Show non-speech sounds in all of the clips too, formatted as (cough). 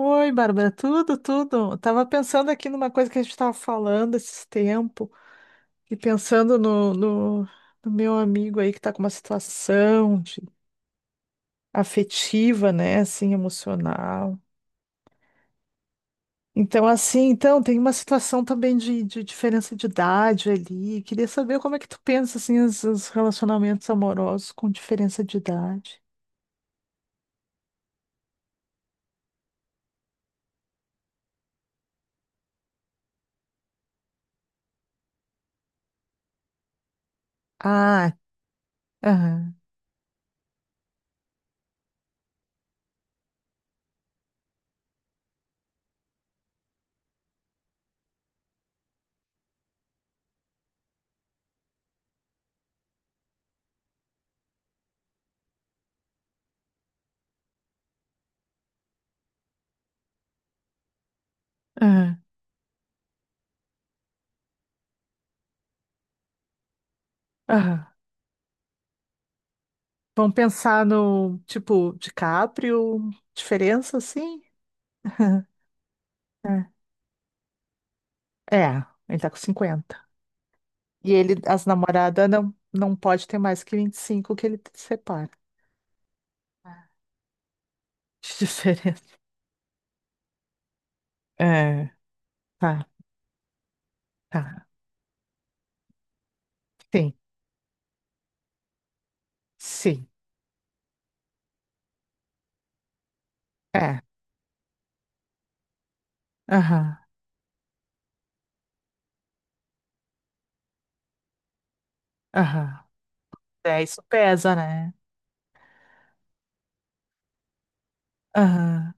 Oi, Bárbara, tudo, tudo. Tava pensando aqui numa coisa que a gente estava falando esses tempo e pensando no meu amigo aí que tá com uma situação afetiva, né, assim, emocional. Então, assim, então, tem uma situação também de diferença de idade ali. Queria saber como é que tu pensa, assim, os relacionamentos amorosos com diferença de idade. Ah, aham, aham, aham. Vamos pensar no, tipo, DiCaprio, diferença, assim? (laughs) É, é, ele tá com 50. E ele, as namoradas não pode ter mais que 25 que ele te separa. (laughs) De diferença. É, tá, tá. Sim, sim. É. Aham, aham. É, isso pesa, né? Aham.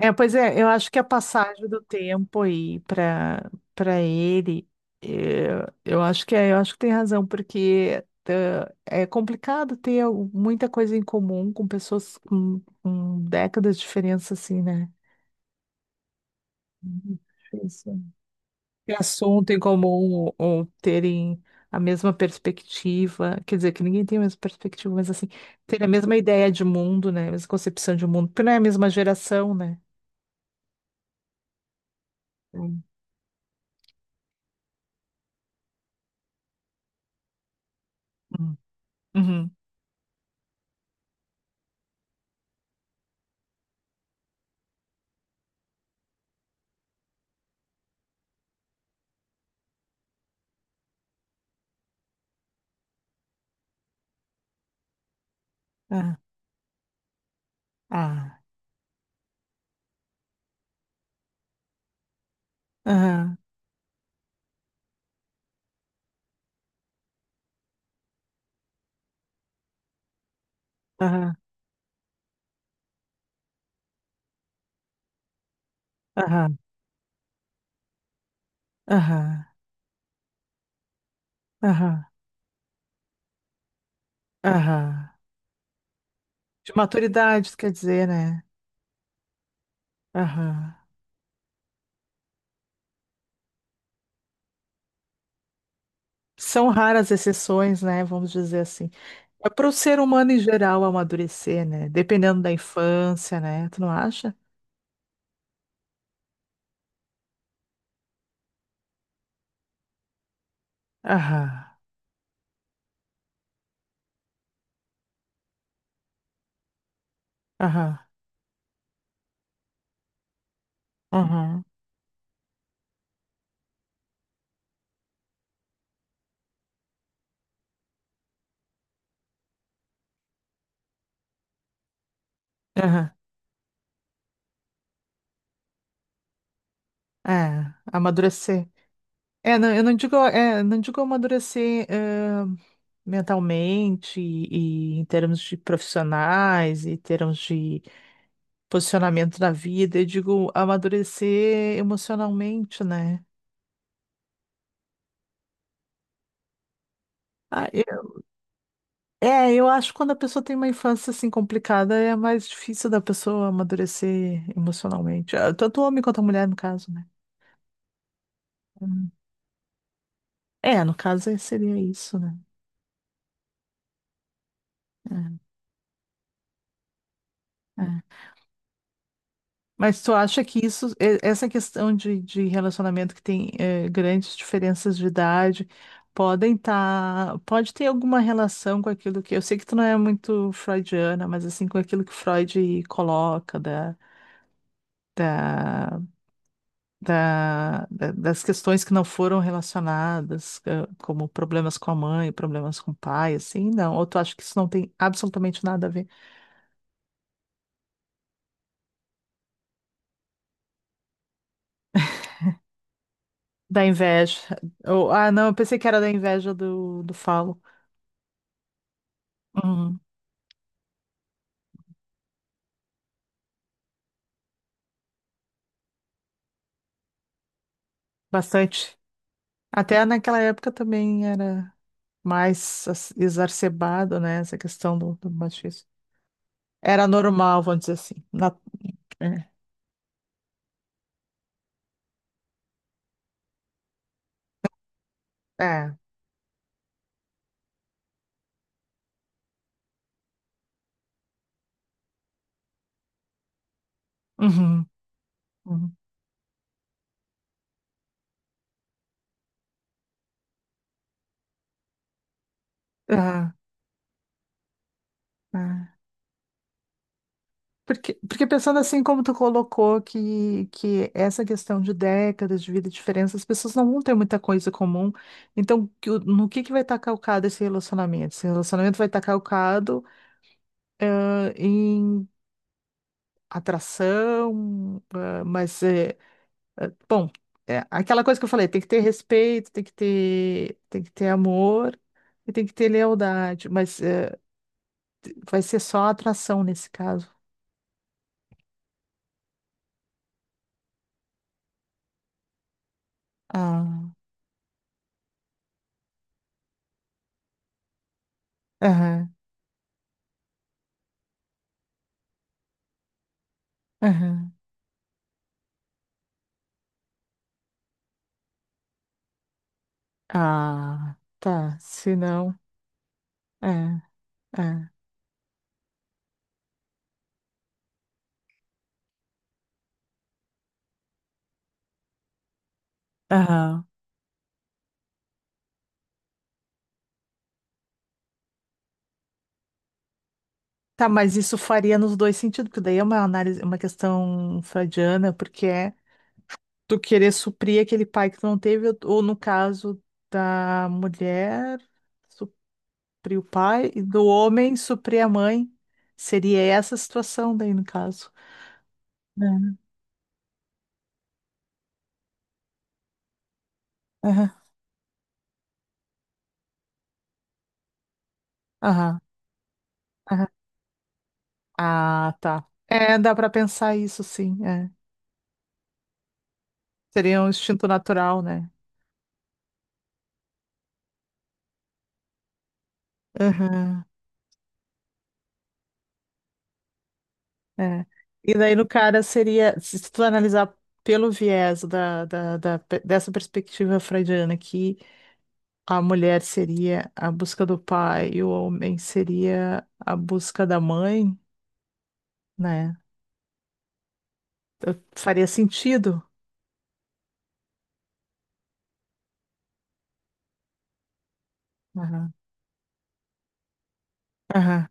É, pois é, eu acho que a passagem do tempo aí para ele, eu acho que tem razão, porque é complicado ter muita coisa em comum com pessoas com décadas de diferença, assim, né? Uhum, difícil. Ter assunto em comum ou terem a mesma perspectiva, quer dizer, que ninguém tem a mesma perspectiva, mas assim, ter a mesma ideia de mundo, né? A mesma concepção de mundo, porque não é a mesma geração, né? Então, hum. Uhum. É. Ah, aham, aham, aham, aham, aham, aham. De maturidade, isso quer dizer, né? Aham. São raras exceções, né? Vamos dizer assim. É para o ser humano em geral amadurecer, né? Dependendo da infância, né? Tu não acha? Aham, aham, aham, aham. É, amadurecer. É, não, eu não digo, é, não digo amadurecer, mentalmente e em termos de profissionais, e em termos de posicionamento na vida, eu digo amadurecer emocionalmente, né? Ah, é, eu acho que quando a pessoa tem uma infância assim complicada, é mais difícil da pessoa amadurecer emocionalmente. Ah, tanto o homem quanto a mulher, no caso, né? Hum. É, no caso seria isso, né? É, é. Mas tu acha que isso, essa questão de relacionamento que tem grandes diferenças de idade, pode ter alguma relação com aquilo que, eu sei que tu não é muito freudiana, mas assim, com aquilo que Freud coloca da, das questões que não foram relacionadas, como problemas com a mãe, problemas com o pai, assim, não. Ou tu acha que isso não tem absolutamente nada a ver? Da inveja. Ou, ah, não, eu pensei que era da inveja do falo. Bastante. Até naquela época também era mais exacerbado, né? Essa questão do machismo. Era normal, vamos dizer assim. É. É. Uhum, uhum. Ah, ah. Porque pensando assim, como tu colocou que essa questão de décadas de vida e diferença, as pessoas não vão ter muita coisa comum. Então, no que vai estar calcado esse relacionamento? Esse relacionamento vai estar calcado, ah, em atração, ah, mas bom, é aquela coisa que eu falei, tem que ter respeito, tem que ter amor e tem que ter lealdade, mas vai ser só atração nesse caso. Ah, aham, aham. Ah, tá, se não, é, é. Aham. Tá, mas isso faria nos dois sentidos, porque daí é uma análise, uma questão freudiana, porque é tu querer suprir aquele pai que tu não teve, ou no caso da mulher, suprir o pai e do homem suprir a mãe. Seria essa a situação daí, no caso. É. Aham, aham, aham. Ah, tá. É, dá para pensar isso, sim. É. Seria um instinto natural, né? Aham, é. E daí no cara seria, se tu analisar pelo viés dessa perspectiva freudiana, que a mulher seria a busca do pai e o homem seria a busca da mãe, né? Faria sentido. Aham, aham.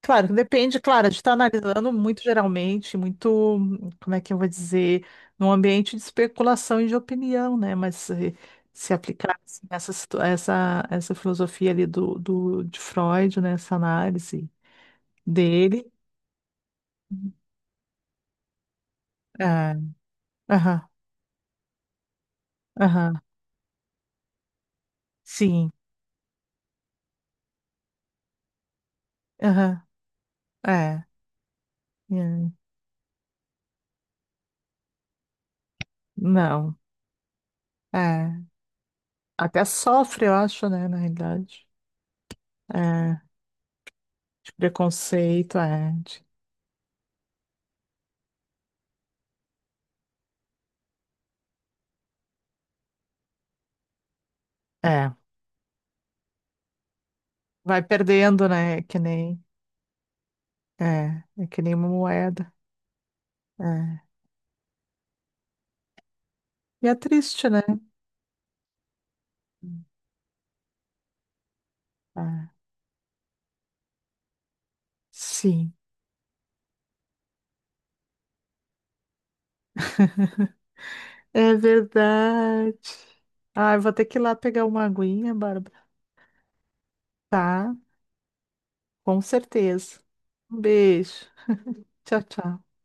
Claro, que depende, claro, a gente está analisando muito geralmente, muito, como é que eu vou dizer, num ambiente de especulação e de opinião, né? Mas se aplicar assim, essa filosofia ali de Freud, né? Essa análise dele. É, aham, aham, sim, aham, é, é, não, é, até sofre, eu acho, né, na realidade, é, de preconceito, é, é, vai perdendo, né, que nem é, é que nem uma moeda. É. E é triste, né? É, sim. (laughs) É verdade. Ah, eu vou ter que ir lá pegar uma aguinha, Bárbara. Tá, com certeza. Um beijo. Tchau, tchau.